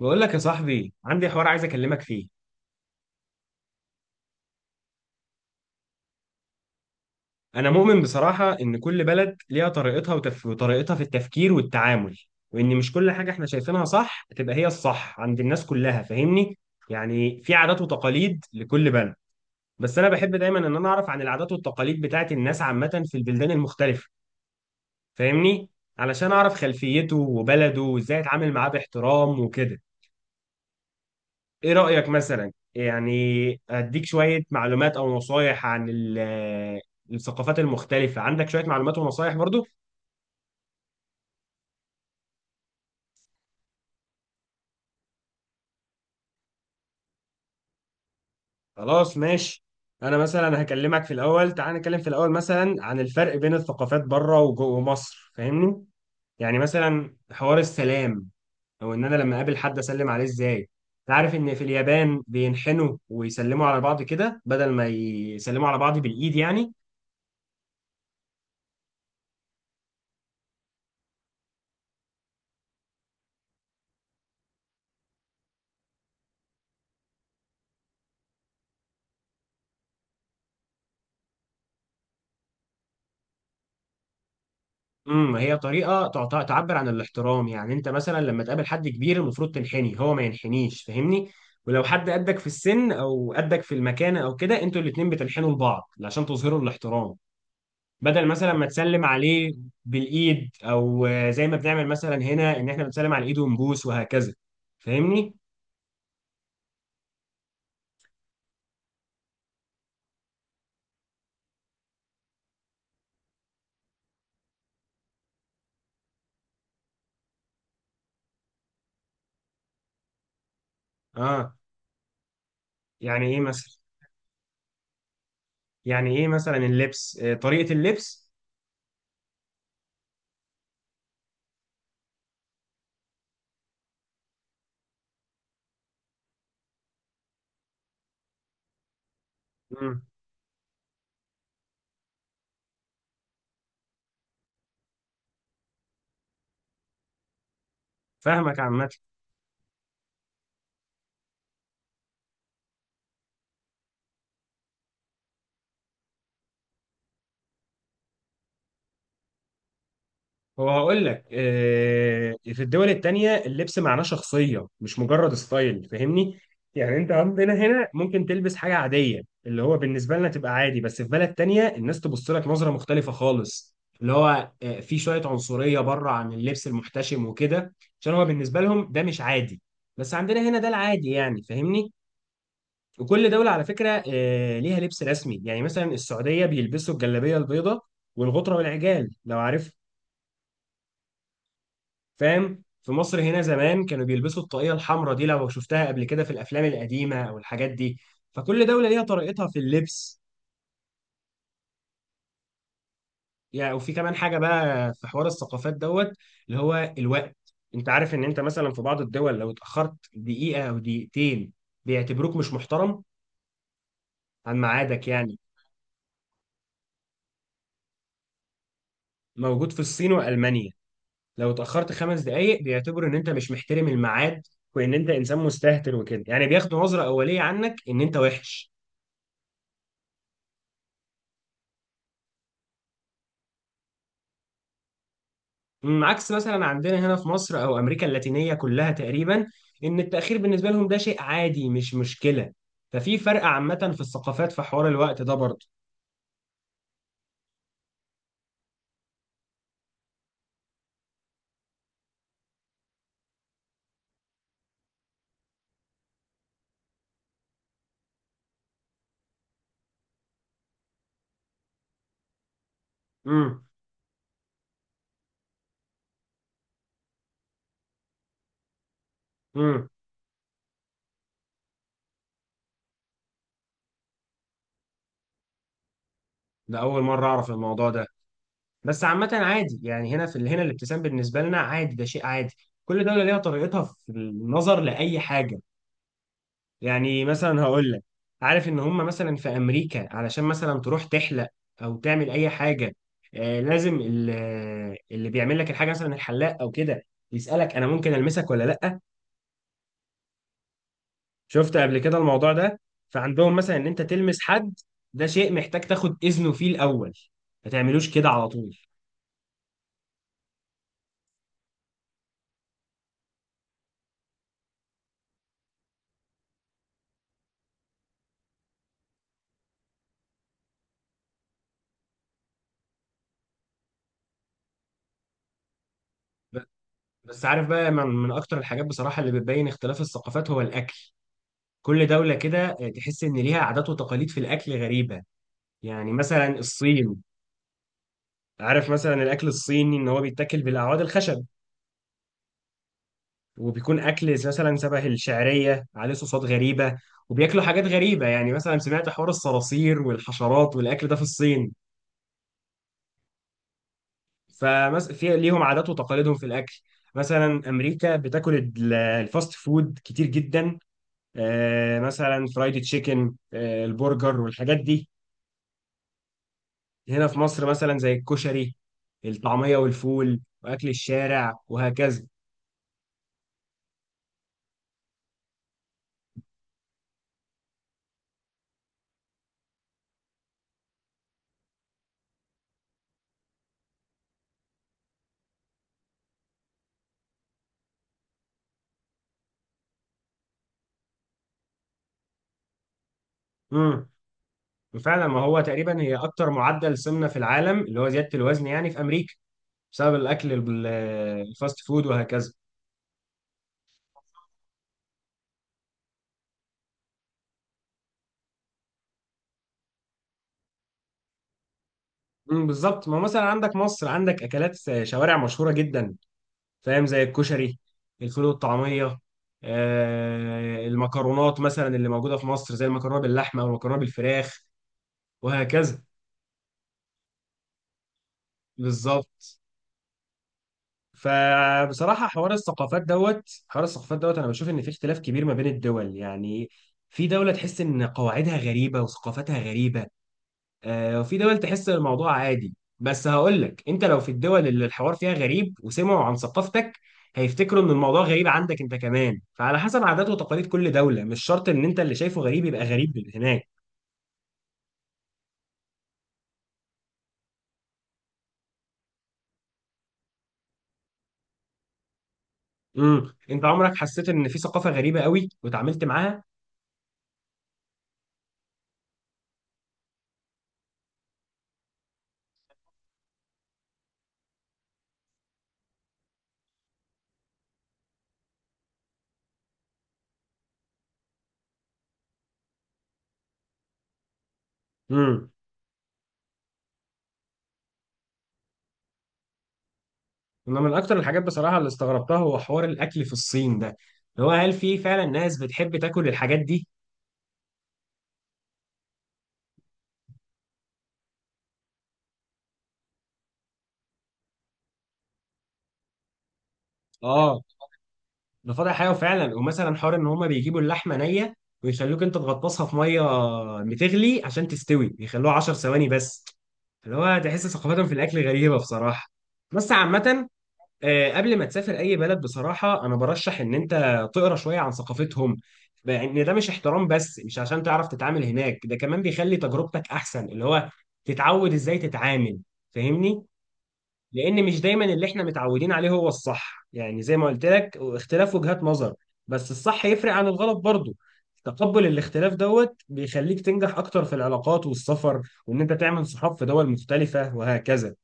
بقول لك يا صاحبي، عندي حوار عايز اكلمك فيه. انا مؤمن بصراحة ان كل بلد ليها طريقتها وطريقتها في التفكير والتعامل، وان مش كل حاجة احنا شايفينها صح تبقى هي الصح عند الناس كلها. فاهمني؟ يعني في عادات وتقاليد لكل بلد. بس انا بحب دايما ان انا اعرف عن العادات والتقاليد بتاعت الناس عامة في البلدان المختلفة. فاهمني؟ علشان اعرف خلفيته وبلده وازاي اتعامل معاه باحترام وكده. ايه رأيك مثلا يعني اديك شوية معلومات او نصايح عن الثقافات المختلفة؟ عندك شوية معلومات ونصايح برضو؟ خلاص ماشي. انا مثلا هكلمك في الاول، تعال نتكلم في الاول مثلا عن الفرق بين الثقافات بره وجوه مصر. فاهمني؟ يعني مثلا حوار السلام، او ان انا لما اقابل حد اسلم عليه ازاي. تعرف ان في اليابان بينحنوا ويسلموا على بعض كده بدل ما يسلموا على بعض بالايد يعني. هي طريقه تعبر عن الاحترام. يعني انت مثلا لما تقابل حد كبير المفروض تنحني، هو ما ينحنيش. فاهمني؟ ولو حد قدك في السن او قدك في المكانه او كده، انتوا الاتنين بتنحنوا لبعض عشان تظهروا الاحترام، بدل مثلا ما تسلم عليه بالايد. او زي ما بنعمل مثلا هنا ان احنا بنسلم على الايد ونبوس وهكذا. فاهمني؟ اه. يعني ايه مثلا؟ يعني ايه مثلا اللبس طريقه اللبس؟ امم فاهمك عامه. هو هقول لك، في الدول التانية اللبس معناه شخصية مش مجرد ستايل. فاهمني؟ يعني انت عندنا هنا ممكن تلبس حاجة عادية اللي هو بالنسبة لنا تبقى عادي، بس في بلد تانية الناس تبص لك نظرة مختلفة خالص، اللي هو في شوية عنصرية بره عن اللبس المحتشم وكده، عشان هو بالنسبة لهم ده مش عادي، بس عندنا هنا ده العادي يعني. فاهمني؟ وكل دولة على فكرة ليها لبس رسمي. يعني مثلا السعودية بيلبسوا الجلابية البيضاء والغطرة والعجال، لو عارف. فاهم؟ في مصر هنا زمان كانوا بيلبسوا الطاقية الحمراء دي، لو شفتها قبل كده في الأفلام القديمة أو الحاجات دي. فكل دولة ليها طريقتها في اللبس. يعني وفي كمان حاجة بقى في حوار الثقافات دوت، اللي هو الوقت. أنت عارف إن أنت مثلا في بعض الدول لو اتأخرت دقيقة أو دقيقتين بيعتبروك مش محترم عن ميعادك يعني. موجود في الصين وألمانيا، لو اتأخرت 5 دقايق بيعتبروا إن أنت مش محترم الميعاد وإن أنت إنسان مستهتر وكده. يعني بياخدوا نظرة أولية عنك إن أنت وحش. عكس مثلا عندنا هنا في مصر او امريكا اللاتينيه كلها تقريبا، ان التاخير بالنسبه لهم ده شيء عادي مش مشكله. ففي فرق عامه في الثقافات في حوار الوقت ده برضه. امم امم ده اول مره اعرف الموضوع ده. بس عامه عادي يعني، هنا في هنا الابتسام بالنسبه لنا عادي، ده شيء عادي. كل دوله ليها طريقتها في النظر لاي حاجه. يعني مثلا هقول لك، عارف ان هم مثلا في امريكا علشان مثلا تروح تحلق او تعمل اي حاجه آه لازم ال- آه، اللي بيعمل لك الحاجه مثلا الحلاق او كده يسالك انا ممكن المسك ولا لا. شفت قبل كده الموضوع ده؟ فعندهم مثلا ان انت تلمس حد ده شيء محتاج تاخد اذنه فيه الاول، ما تعملوش كده على طول. ب- بس عارف بقى من اكتر الحاجات بصراحه اللي بتبين اختلاف الثقافات هو الاكل. كل دوله كده تحس ان ليها عادات وتقاليد في الاكل غريبه. يعني مثلا الصين، عارف مثلا الاكل الصيني ان هو بيتاكل بالاعواد الخشب وبيكون اكل مثلا شبه الشعريه عليه صوصات غريبه، وبياكلوا حاجات غريبه. يعني مثلا سمعت حوار الصراصير والحشرات والاكل ده في الصين. فمس في ليهم عادات وتقاليدهم في الاكل. مثلا امريكا بتاكل الفاست فود كتير جدا. مثلا فرايد تشيكن البرجر والحاجات دي. هنا في مصر مثلا زي الكشري، الطعميه والفول واكل الشارع وهكذا. مم. فعلا ما هو تقريبا هي اكتر معدل سمنه في العالم، اللي هو زياده الوزن يعني في امريكا، بسبب الاكل الفاست فود وهكذا. بالظبط. ما مثلا عندك مصر، عندك اكلات شوارع مشهوره جدا. فاهم؟ زي الكشري، الفول والطعميه، المكرونات مثلا اللي موجوده في مصر زي المكرونه باللحمه او المكرونه بالفراخ وهكذا. بالظبط. فبصراحة حوار الثقافات دوت، حوار الثقافات دوت، أنا بشوف إن في اختلاف كبير ما بين الدول يعني. في دولة تحس إن قواعدها غريبة وثقافتها غريبة، وفي دول تحس إن الموضوع عادي. بس هقول لك، أنت لو في الدول اللي الحوار فيها غريب وسمعوا عن ثقافتك هيفتكروا إن الموضوع غريب عندك أنت كمان. فعلى حسب عادات وتقاليد كل دولة، مش شرط إن أنت اللي شايفه غريب يبقى غريب هناك. أنت عمرك حسيت إن في ثقافة غريبة قوي وتعاملت معاها؟ انا من اكتر الحاجات بصراحه اللي استغربتها هو حوار الاكل في الصين ده، اللي هو هل في فعلا ناس بتحب تاكل الحاجات دي. اه ده فاضح حاجه فعلا. ومثلا حوار ان هما بيجيبوا اللحمه نيه ويخلوك انت تغطسها في ميه بتغلي عشان تستوي، بيخلوها 10 ثواني بس، اللي هو تحس ثقافتهم في الاكل غريبه بصراحه. بس عامه قبل ما تسافر اي بلد بصراحه انا برشح ان انت تقرا شويه عن ثقافتهم. لان ده مش احترام بس، مش عشان تعرف تتعامل هناك، ده كمان بيخلي تجربتك احسن. اللي هو تتعود ازاي تتعامل. فاهمني؟ لان مش دايما اللي احنا متعودين عليه هو الصح. يعني زي ما قلت لك، اختلاف وجهات نظر، بس الصح يفرق عن الغلط برضه. تقبل الاختلاف دوت بيخليك تنجح اكتر في العلاقات والسفر، وان انت تعمل صحاب في دول مختلفه وهكذا.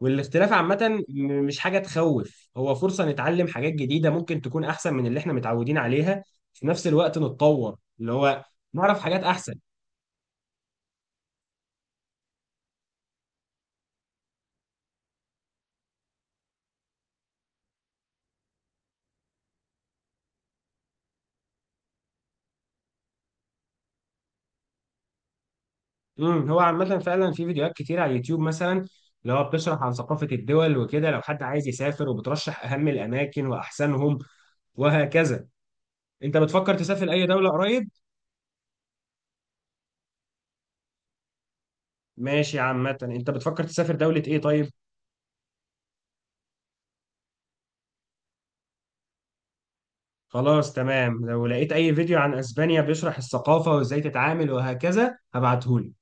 والاختلاف عامة مش حاجة تخوف، هو فرصة نتعلم حاجات جديدة ممكن تكون أحسن من اللي احنا متعودين عليها، في نفس الوقت نتطور. اللي هو نعرف حاجات أحسن. هو عامة فعلا في فيديوهات كتير على اليوتيوب مثلا، اللي هو بتشرح عن ثقافة الدول وكده لو حد عايز يسافر، وبترشح أهم الأماكن وأحسنهم وهكذا. أنت بتفكر تسافر أي دولة قريب؟ ماشي. عامة أنت بتفكر تسافر دولة إيه طيب؟ خلاص تمام، لو لقيت أي فيديو عن أسبانيا بيشرح الثقافة وإزاي تتعامل وهكذا هبعتهولك.